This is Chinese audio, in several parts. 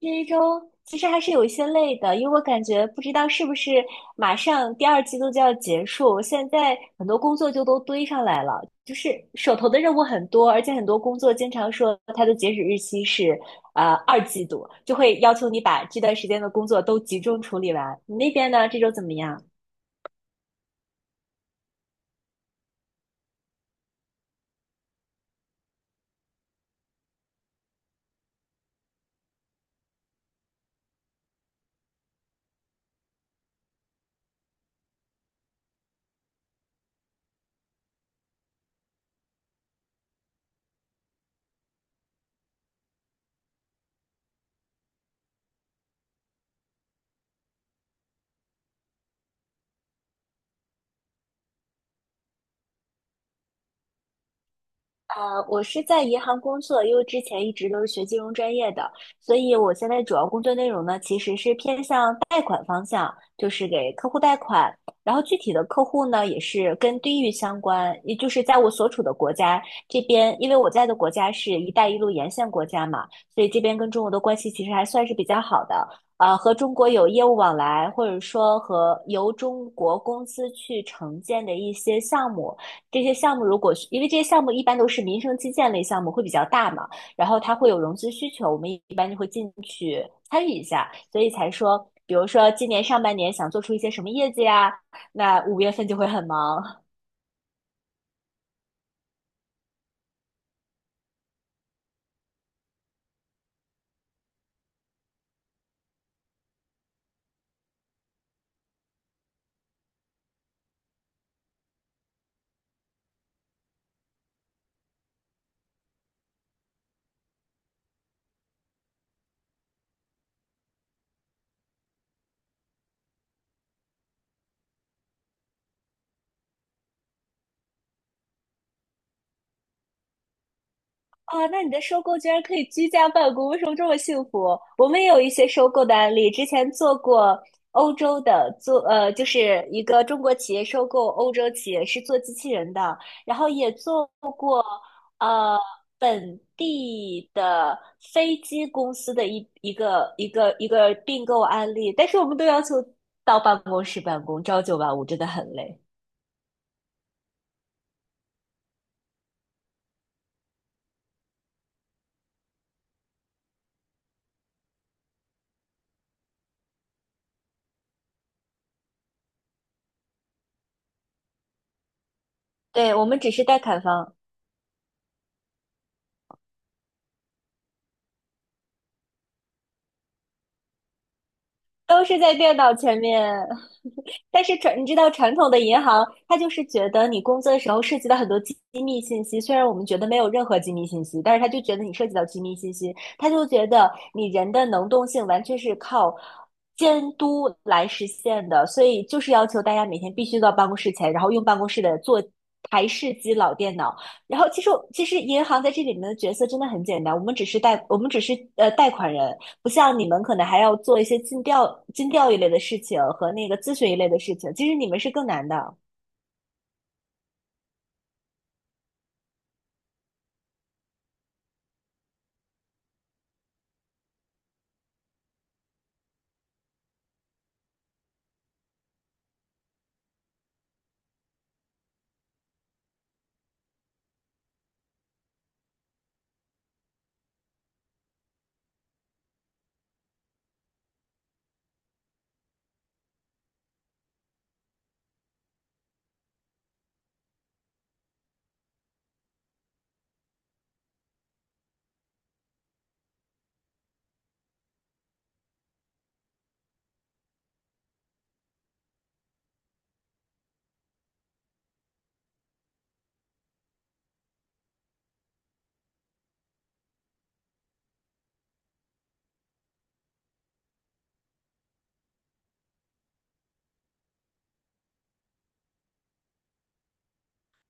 这一周其实还是有一些累的，因为我感觉不知道是不是马上第二季度就要结束，现在很多工作就都堆上来了，就是手头的任务很多，而且很多工作经常说它的截止日期是二季度，就会要求你把这段时间的工作都集中处理完。你那边呢？这周怎么样？啊，我是在银行工作，因为之前一直都是学金融专业的，所以我现在主要工作内容呢，其实是偏向贷款方向，就是给客户贷款。然后具体的客户呢，也是跟地域相关，也就是在我所处的国家这边，因为我在的国家是一带一路沿线国家嘛，所以这边跟中国的关系其实还算是比较好的。和中国有业务往来，或者说和由中国公司去承建的一些项目。这些项目如果是因为这些项目一般都是民生基建类项目，会比较大嘛，然后它会有融资需求，我们一般就会进去参与一下，所以才说，比如说今年上半年想做出一些什么业绩呀，那五月份就会很忙啊。那你的收购居然可以居家办公，为什么这么幸福？我们也有一些收购的案例，之前做过。欧洲的做就是一个中国企业收购欧洲企业是做机器人的，然后也做呃，本地的飞机公司的一个并购案例，但是我们都要求到办公室办公，朝九晚五真的很累。对，我们只是代砍方，都是在电脑前面。但是传，你知道传统的银行，它就是觉得你工作的时候涉及到很多机密信息，虽然我们觉得没有任何机密信息，但是他就觉得你涉及到机密信息，他就觉得你人的能动性完全是靠监督来实现的，所以就是要求大家每天必须到办公室前，然后用办公室的做。台式机老电脑，然后其实银行在这里面的角色真的很简单，我们只是贷款人，不像你们可能还要做一些尽调一类的事情和那个咨询一类的事情，其实你们是更难的。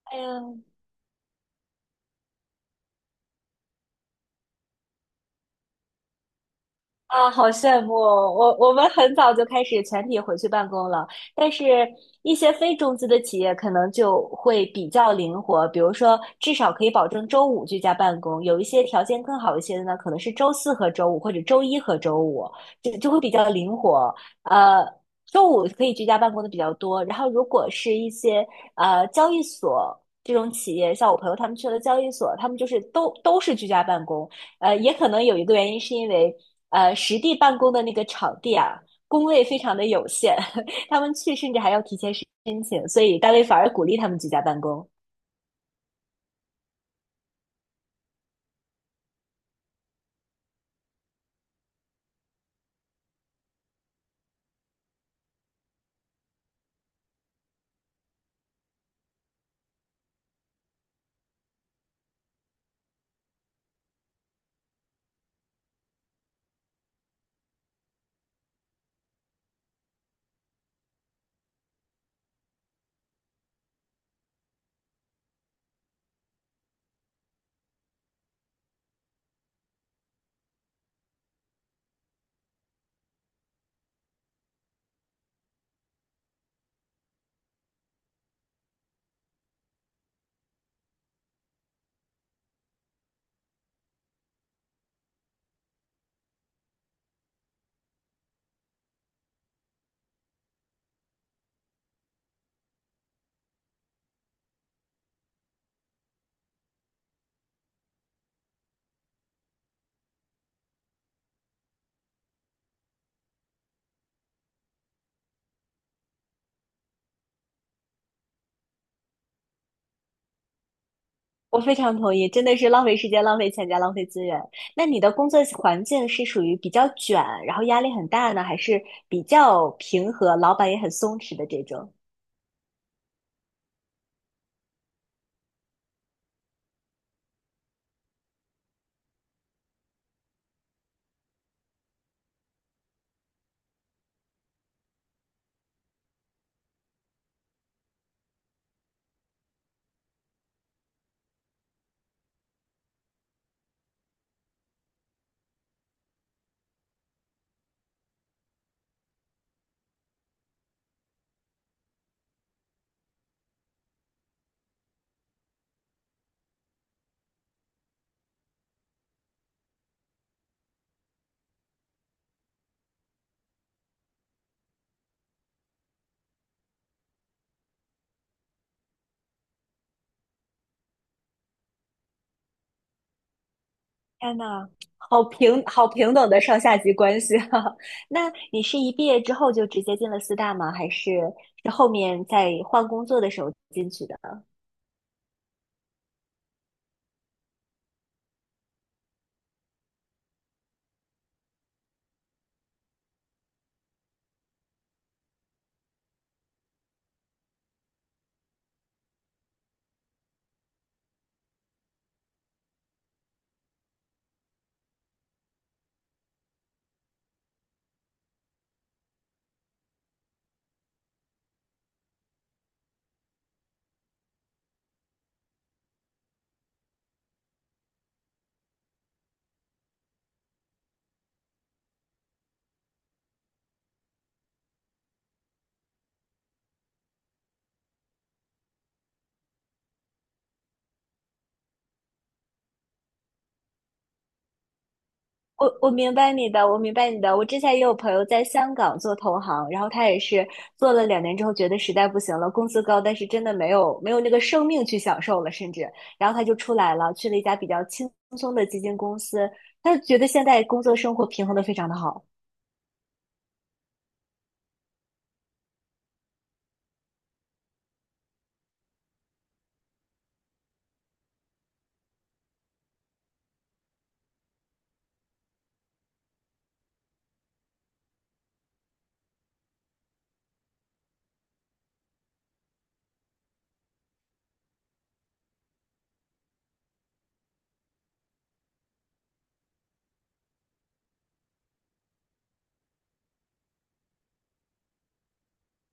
哎呀，啊，好羡慕哦！我们很早就开始全体回去办公了，但是一些非中资的企业可能就会比较灵活，比如说至少可以保证周五居家办公，有一些条件更好一些的呢，可能是周四和周五或者周一和周五，就会比较灵活。呃，周五可以居家办公的比较多，然后如果是一些交易所这种企业，像我朋友他们去了交易所，他们就是都是居家办公。也可能有一个原因是因为，实地办公的那个场地啊，工位非常的有限，他们去甚至还要提前申请，所以单位反而鼓励他们居家办公。我非常同意，真的是浪费时间、浪费钱加浪费资源。那你的工作环境是属于比较卷，然后压力很大呢，还是比较平和，老板也很松弛的这种？天呐，好平好平等的上下级关系啊！那你是一毕业之后就直接进了四大吗？还是是后面在换工作的时候进去的？我明白你的。我之前也有朋友在香港做投行，然后他也是做了两年之后，觉得实在不行了，工资高，但是真的没有那个生命去享受了，甚至然后他就出来了，去了一家比较轻松的基金公司，他就觉得现在工作生活平衡的非常的好。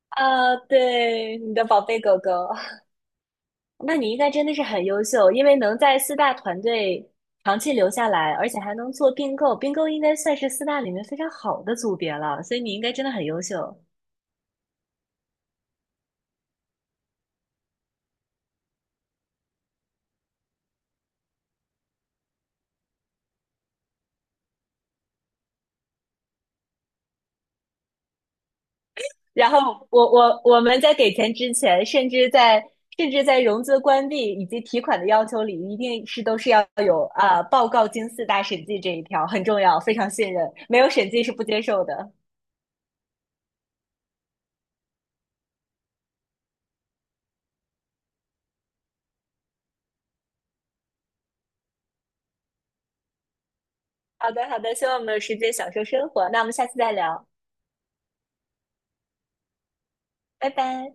啊，对，你的宝贝狗狗。那你应该真的是很优秀，因为能在四大团队长期留下来，而且还能做并购，并购应该算是四大里面非常好的组别了，所以你应该真的很优秀。然后我们在给钱之前，甚至在融资关闭以及提款的要求里，一定是都是要有啊、报告经四大审计这一条很重要，非常信任，没有审计是不接受的。好的好的，希望我们有时间享受生活，那我们下次再聊，拜拜。